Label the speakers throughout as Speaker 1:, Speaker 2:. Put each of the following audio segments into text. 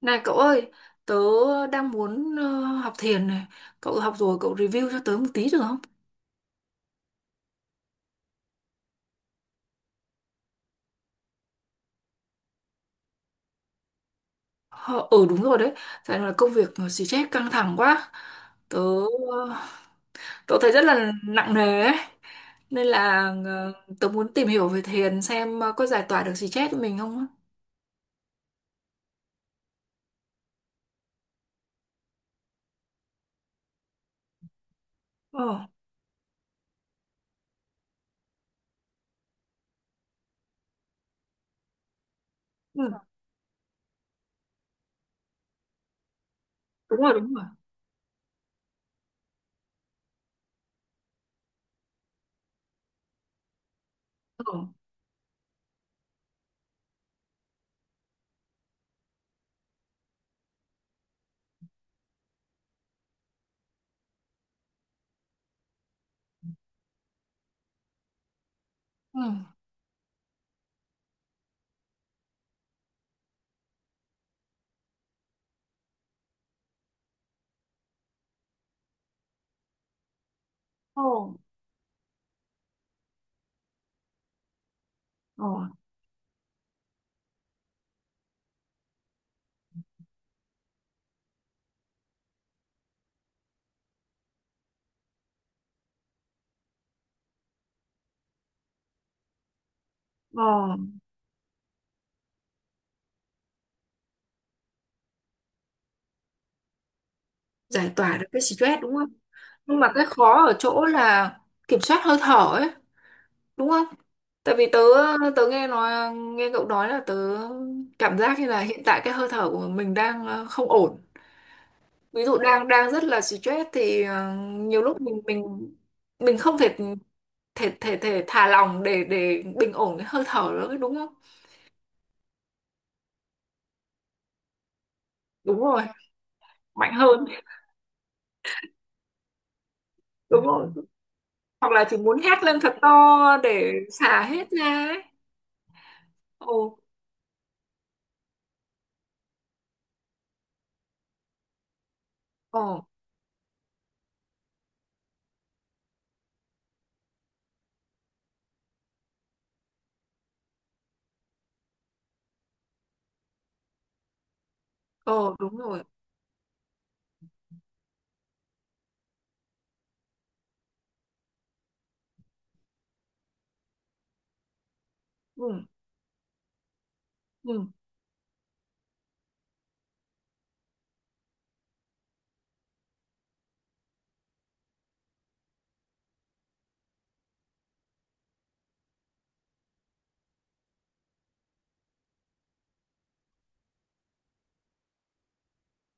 Speaker 1: Này cậu ơi, tớ đang muốn học thiền này. Cậu học rồi, cậu review cho tớ một tí được không? Ờ, ừ, đúng rồi đấy. Tại là công việc nó xì chết căng thẳng quá. Tớ, ờ, tớ thấy rất là nặng nề ấy. Nên là tớ muốn tìm hiểu về thiền xem có giải tỏa được xì chết cho mình không á. Ờ, ừ, đúng rồi, đúng rồi. Ừ, ừ, ờ, ờ, ờ. Giải tỏa được cái stress đúng không? Nhưng mà cái khó ở chỗ là kiểm soát hơi thở ấy. Đúng không? Tại vì tớ tớ nghe cậu nói là tớ cảm giác như là hiện tại cái hơi thở của mình đang không ổn. Ví dụ đang đang rất là stress thì nhiều lúc mình không thể thể thể thể thả lỏng để bình ổn cái hơi thở nữa đúng không? Đúng rồi, mạnh hơn, đúng rồi. Hoặc là chỉ muốn hét lên thật to để xả hết ra ấy. Ồ. Ồ. Ồ. Đúng rồi. Ừ. Ừ.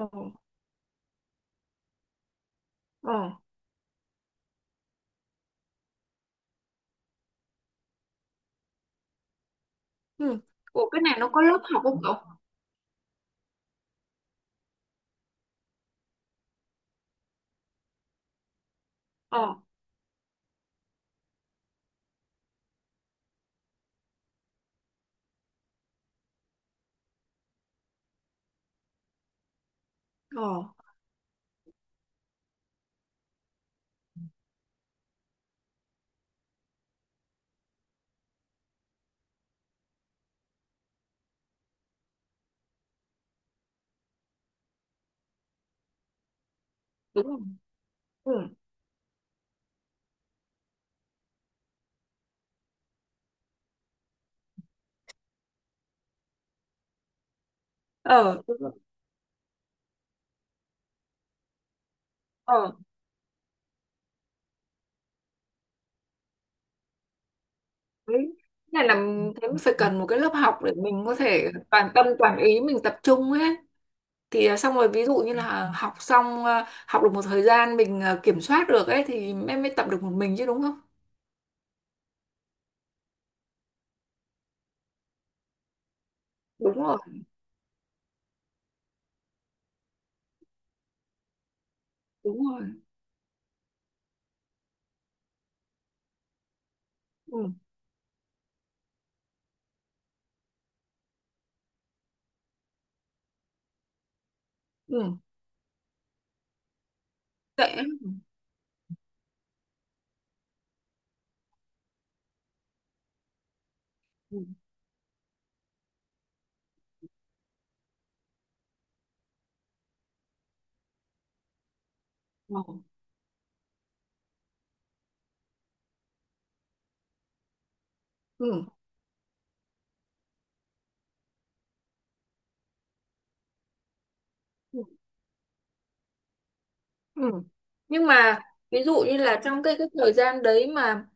Speaker 1: Ồ. Ồ. Ừ. Ủa, cái này nó có lớp học không cậu? Ờ. Ờ, đúng rồi. Ừ. Ờ, đúng rồi. Ờ, đấy. Cái này là thế mới phải cần một cái lớp học để mình có thể toàn tâm toàn ý mình tập trung ấy. Xong rồi, ví dụ như là học xong, học được một thời gian mình kiểm soát được ấy thì em mới tập được một mình chứ đúng không? Đúng rồi, đúng rồi. Ừ, ừ. Vậy ấy. Ừ. Ừ. Ừ. Ừ. Ừ. Nhưng mà ví dụ như là trong cái thời gian đấy mà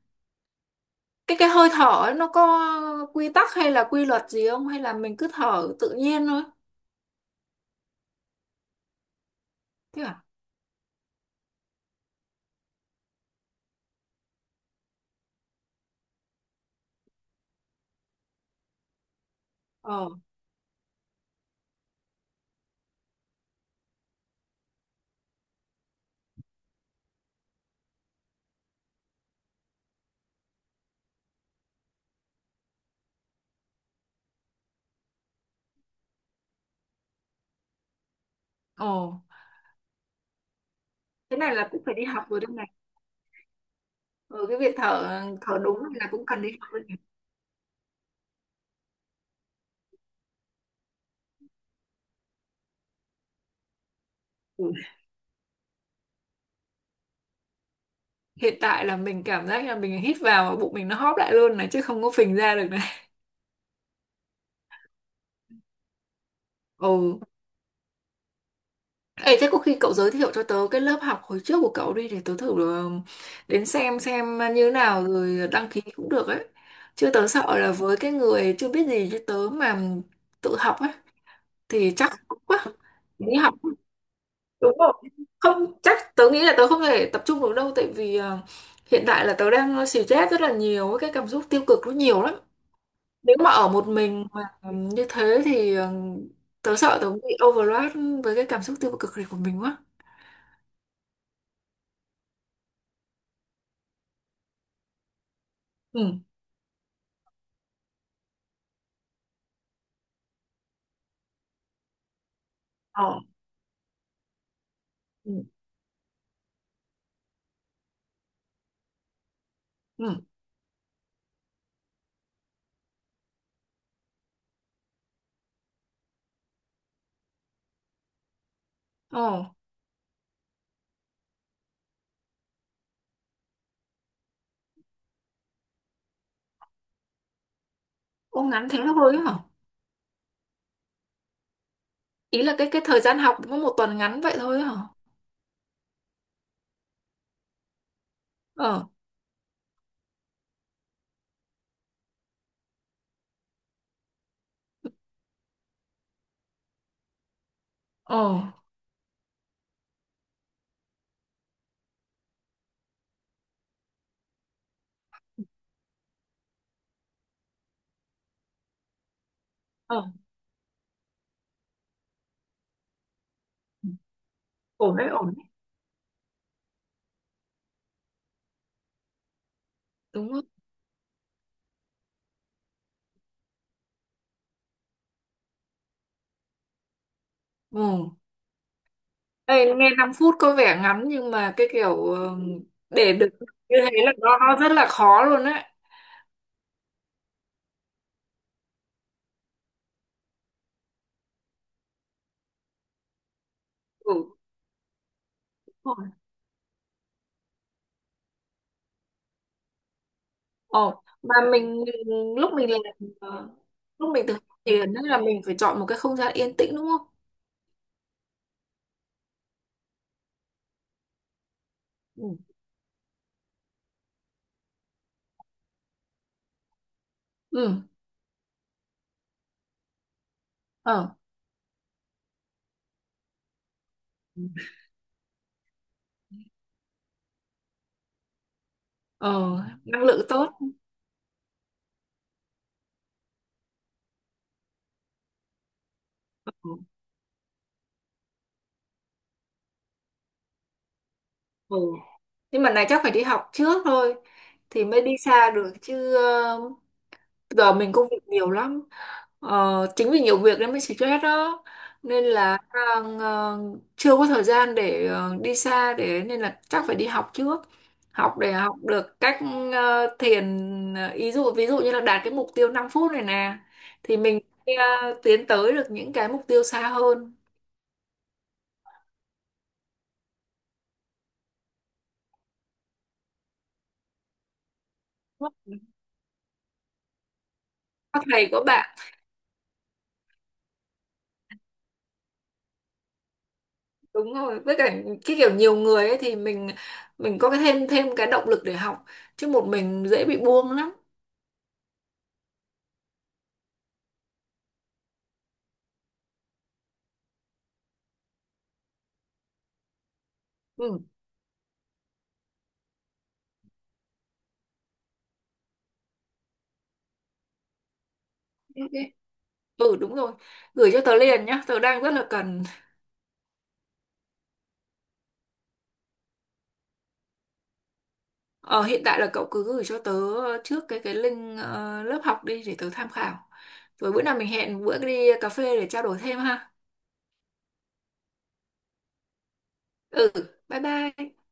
Speaker 1: cái hơi thở ấy, nó có quy tắc hay là quy luật gì không hay là mình cứ thở tự nhiên thôi? Thế à? Ờ. Ờ. Thế này là cũng phải đi học rồi đây này. Ừ, cái việc thở thở đúng là cũng cần đi học rồi này. Ừ. Hiện tại là mình cảm giác là mình hít vào mà bụng mình nó hóp lại luôn này chứ không có phình ra được này. Ồ. Ê, thế có khi cậu giới thiệu cho tớ cái lớp học hồi trước của cậu đi để tớ thử ờ, đến xem như nào rồi đăng ký cũng được ấy. Chứ tớ sợ là với cái người chưa biết gì như tớ mà tự học ấy thì chắc không quá nghĩ học. Đúng rồi, không chắc tớ nghĩ là tớ không thể tập trung được đâu, tại vì hiện tại là tớ đang stress rất là nhiều ấy, cái cảm xúc tiêu cực nó nhiều lắm. Nếu mà ở một mình mà như thế thì tớ sợ tớ bị overload với cái cảm xúc tiêu cực này của mình quá. Ừ. Ờ. Ừ. Ừ. Ờ. Ô, ngắn thế thôi ấy hả? Ý là cái thời gian học có một tuần ngắn vậy thôi ấy hả? Ờ. Ờ. Ờ. Ổn đấy, ổn đấy. Đúng không? Ừ. Ê, nghe 5 phút có vẻ ngắn nhưng mà cái kiểu để được như thế là nó rất là khó luôn đấy. Ừ. Đúng rồi. Ồ, mà ờ, lúc mình thực hiện tiền ấy là mình phải chọn một cái không gian yên tĩnh đúng không? Ừ. Ừ. Ờ. Ờ, năng lượng tốt. Ừ. Ừ. Nhưng mà này chắc phải đi học trước thôi thì mới đi xa được chứ. Ờ, Bây giờ mình công việc nhiều lắm. Chính vì nhiều việc nên mới stress đó. Nên là ờ, chưa có thời gian để đi xa để, nên là chắc phải đi học trước, học để học được cách thiền, ý dụ ví dụ như là đạt cái mục tiêu 5 phút này nè thì mình ờ, tiến tới được những cái mục tiêu xa hơn. Có thầy có bạn. Đúng rồi, với cả cái kiểu nhiều người ấy thì mình có cái thêm thêm cái động lực để học, chứ một mình dễ bị buông lắm. Ừ. OK. Ừ, đúng rồi, gửi cho tớ liền nhá, tớ đang rất là cần. Ờ, hiện tại là cậu cứ gửi cho tớ trước cái link lớp học đi để tớ tham khảo. Rồi bữa nào mình hẹn bữa đi cà phê để trao đổi thêm ha. Ừ, bye bye.